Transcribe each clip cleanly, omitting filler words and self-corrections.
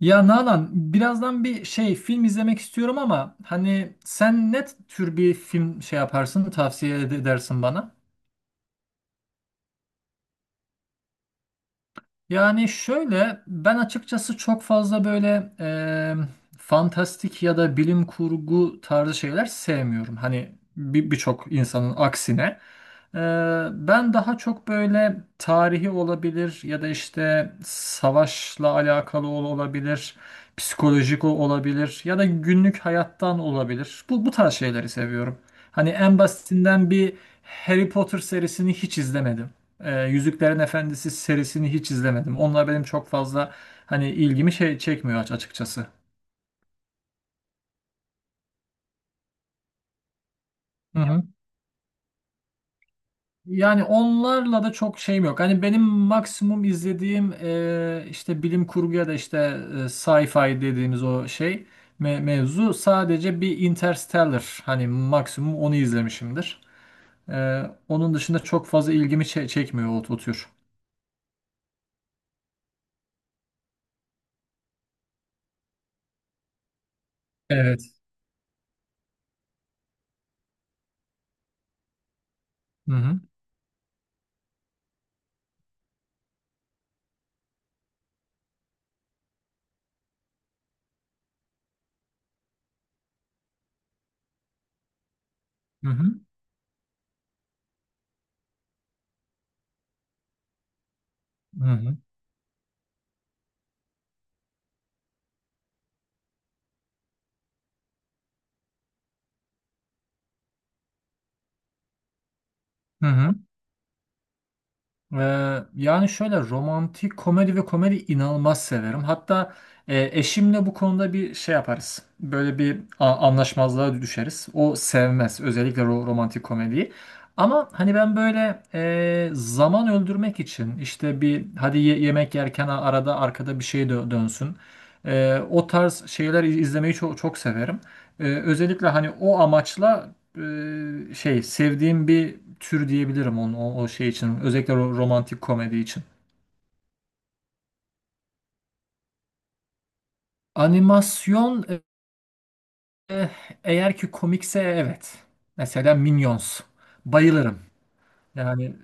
Ya Nalan, birazdan bir şey film izlemek istiyorum ama hani sen ne tür bir film yaparsın, tavsiye edersin bana? Yani şöyle ben açıkçası çok fazla böyle fantastik ya da bilim kurgu tarzı şeyler sevmiyorum. Hani birçok insanın aksine. E, Ben daha çok böyle tarihi olabilir ya da işte savaşla alakalı olabilir, psikolojik olabilir ya da günlük hayattan olabilir. Bu tarz şeyleri seviyorum. Hani en basitinden bir Harry Potter serisini hiç izlemedim. Yüzüklerin Efendisi serisini hiç izlemedim. Onlar benim çok fazla hani ilgimi çekmiyor açıkçası. Hı hı. Yani onlarla da çok şeyim yok. Hani benim maksimum izlediğim işte bilim kurgu ya da işte sci-fi dediğimiz o şey mevzu sadece bir Interstellar. Hani maksimum onu izlemişimdir. Onun dışında çok fazla ilgimi çekmiyor o tür. Evet. Hı hı. Hı hı. Hı hı. Hı hı. Yani şöyle romantik komedi ve komedi inanılmaz severim. Hatta eşimle bu konuda bir şey yaparız. Böyle bir anlaşmazlığa düşeriz. O sevmez özellikle romantik komediyi. Ama hani ben böyle zaman öldürmek için işte bir hadi yemek yerken arada arkada bir şey dönsün. O tarz şeyler izlemeyi çok, çok severim. Özellikle hani o amaçla sevdiğim bir tür diyebilirim onu, o şey için. Özellikle romantik komedi için. Animasyon e, eğer ki komikse evet. Mesela Minions. Bayılırım. Yani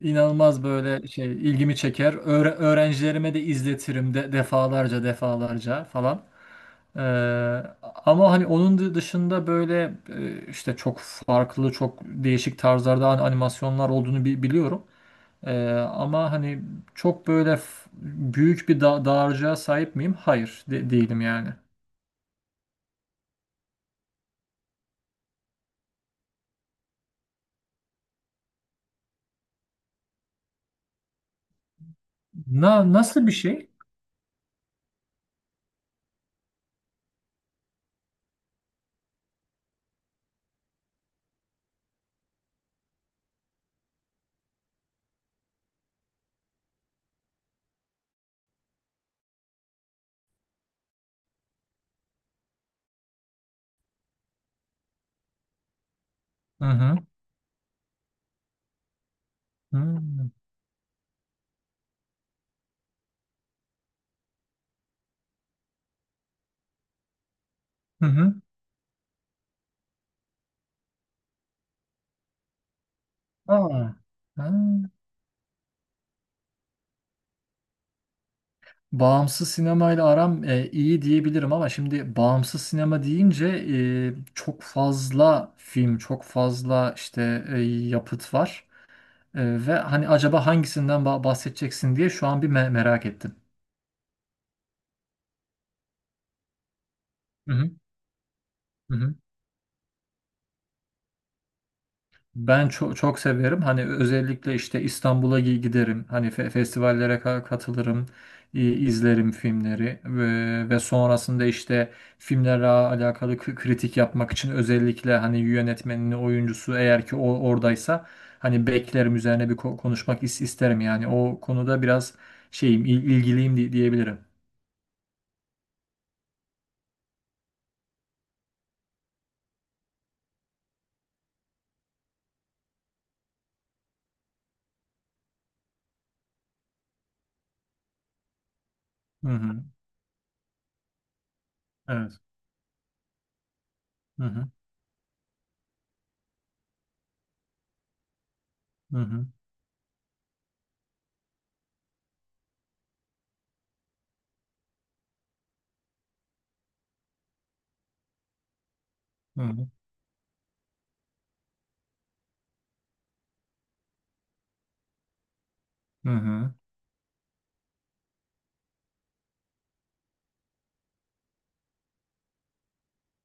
inanılmaz böyle ilgimi çeker. Öğrencilerime de izletirim de defalarca defalarca falan. Ee, Ama hani onun dışında böyle işte çok farklı çok değişik tarzlarda animasyonlar olduğunu biliyorum. Ama hani çok böyle büyük bir dağarcığa sahip miyim? Hayır, değilim yani. Nasıl bir şey? Hı hı. Hı hı. Hı. Aa. Ha. Bağımsız sinemayla aram iyi diyebilirim ama şimdi bağımsız sinema deyince çok fazla film, çok fazla işte yapıt var. Ve hani acaba hangisinden bahsedeceksin diye şu an bir merak ettim. Hı hı. Hı hı. Ben çok çok severim. Hani özellikle işte İstanbul'a giderim. Hani festivallere katılırım, izlerim filmleri ve sonrasında işte filmlerle alakalı kritik yapmak için özellikle hani yönetmenini, oyuncusu eğer ki o oradaysa hani beklerim üzerine bir konuşmak isterim yani. O konuda biraz şeyim, ilgiliyim diyebilirim. Hı hı. Evet. Hı hı. Hı hı. Hı hı. Hı hı.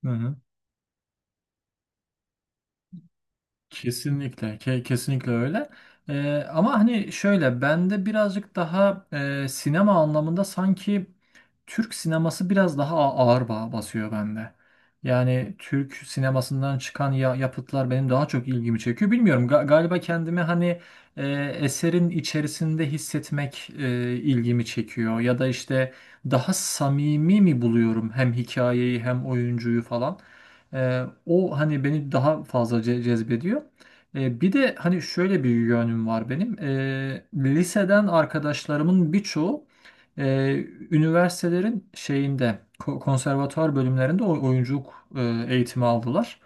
Hı hı. Kesinlikle, kesinlikle öyle. Ama hani şöyle, bende birazcık daha sinema anlamında sanki Türk sineması biraz daha ağır basıyor bende. Yani Türk sinemasından çıkan yapıtlar benim daha çok ilgimi çekiyor. Bilmiyorum, galiba kendimi hani e, eserin içerisinde hissetmek ilgimi çekiyor. Ya da işte daha samimi mi buluyorum hem hikayeyi hem oyuncuyu falan. O hani beni daha fazla cezbediyor. Bir de hani şöyle bir yönüm var benim. Liseden arkadaşlarımın birçoğu e, üniversitelerin şeyinde konservatuar bölümlerinde oyunculuk eğitimi aldılar.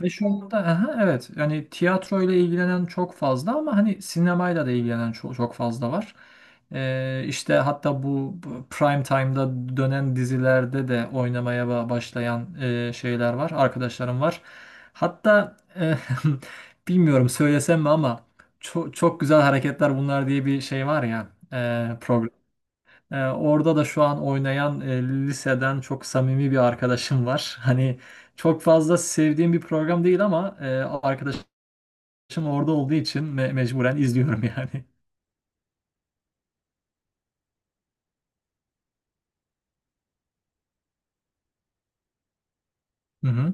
Ve şu anda aha, evet yani tiyatro ile ilgilenen çok fazla ama hani sinemayla da ilgilenen çok, çok fazla var. İşte hatta bu prime time'da dönen dizilerde de oynamaya başlayan şeyler var, arkadaşlarım var. Hatta bilmiyorum söylesem mi ama çok, çok güzel hareketler bunlar diye bir şey var ya program. Orada da şu an oynayan liseden çok samimi bir arkadaşım var. Hani çok fazla sevdiğim bir program değil ama arkadaşım orada olduğu için mecburen izliyorum yani. Hı hı.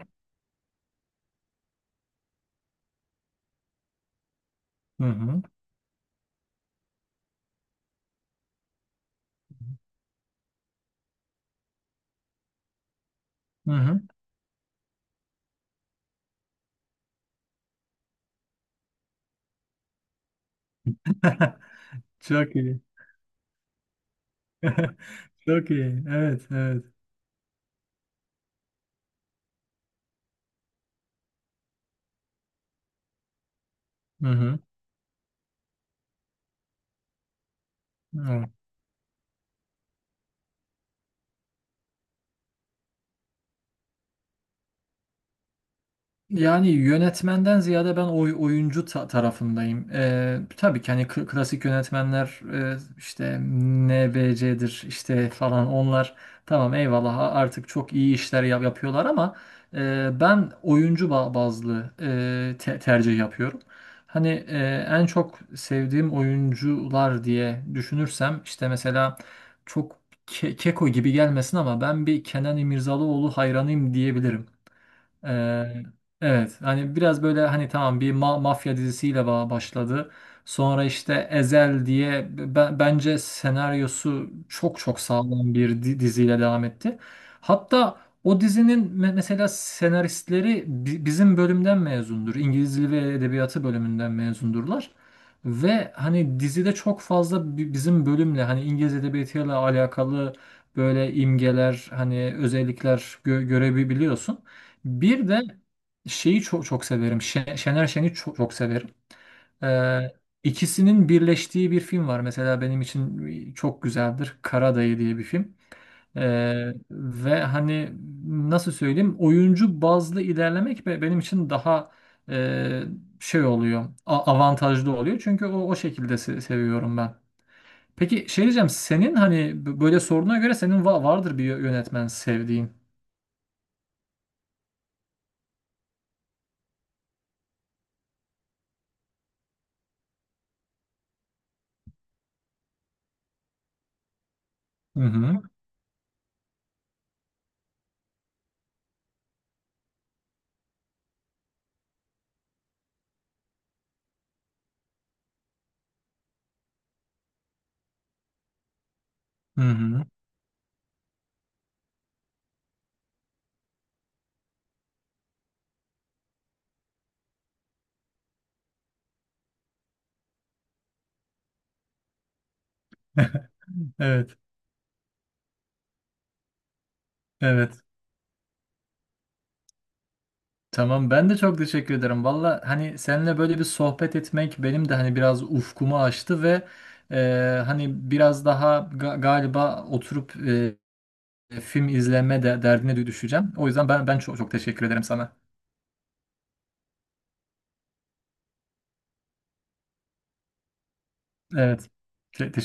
Hı hı. Hı hı. Çok iyi. Çok iyi. Evet, evet. Hı hı. Evet. Yani yönetmenden ziyade ben oyuncu tarafındayım. Tabii ki hani klasik yönetmenler işte NBC'dir işte falan onlar tamam eyvallah artık çok iyi işler yapıyorlar ama ben oyuncu bazlı tercih yapıyorum. Hani en çok sevdiğim oyuncular diye düşünürsem işte mesela çok keko gibi gelmesin ama ben bir Kenan İmirzalıoğlu hayranıyım diyebilirim. Ee, evet hani biraz böyle hani tamam bir mafya dizisiyle başladı. Sonra işte Ezel diye bence senaryosu çok çok sağlam bir diziyle devam etti. Hatta o dizinin mesela senaristleri bizim bölümden mezundur. İngiliz Dili ve Edebiyatı bölümünden mezundurlar. Ve hani dizide çok fazla bizim bölümle hani İngiliz edebiyatıyla alakalı böyle imgeler hani özellikler görebiliyorsun. Bir de çok çok severim. Şener Şen'i çok, çok severim. Ee, ikisinin birleştiği bir film var. Mesela benim için çok güzeldir. Karadayı diye bir film. Ve hani nasıl söyleyeyim oyuncu bazlı ilerlemek benim için daha e, oluyor. A avantajlı oluyor. Çünkü o şekilde seviyorum ben. Peki şey diyeceğim senin hani böyle sorduğuna göre senin vardır bir yönetmen sevdiğin. Hı hı. Hı hı. Evet. Evet. Tamam ben de çok teşekkür ederim. Valla hani seninle böyle bir sohbet etmek benim de hani biraz ufkumu açtı ve hani biraz daha galiba oturup film izleme de derdine düşeceğim. O yüzden ben çok çok teşekkür ederim sana. Evet. Te-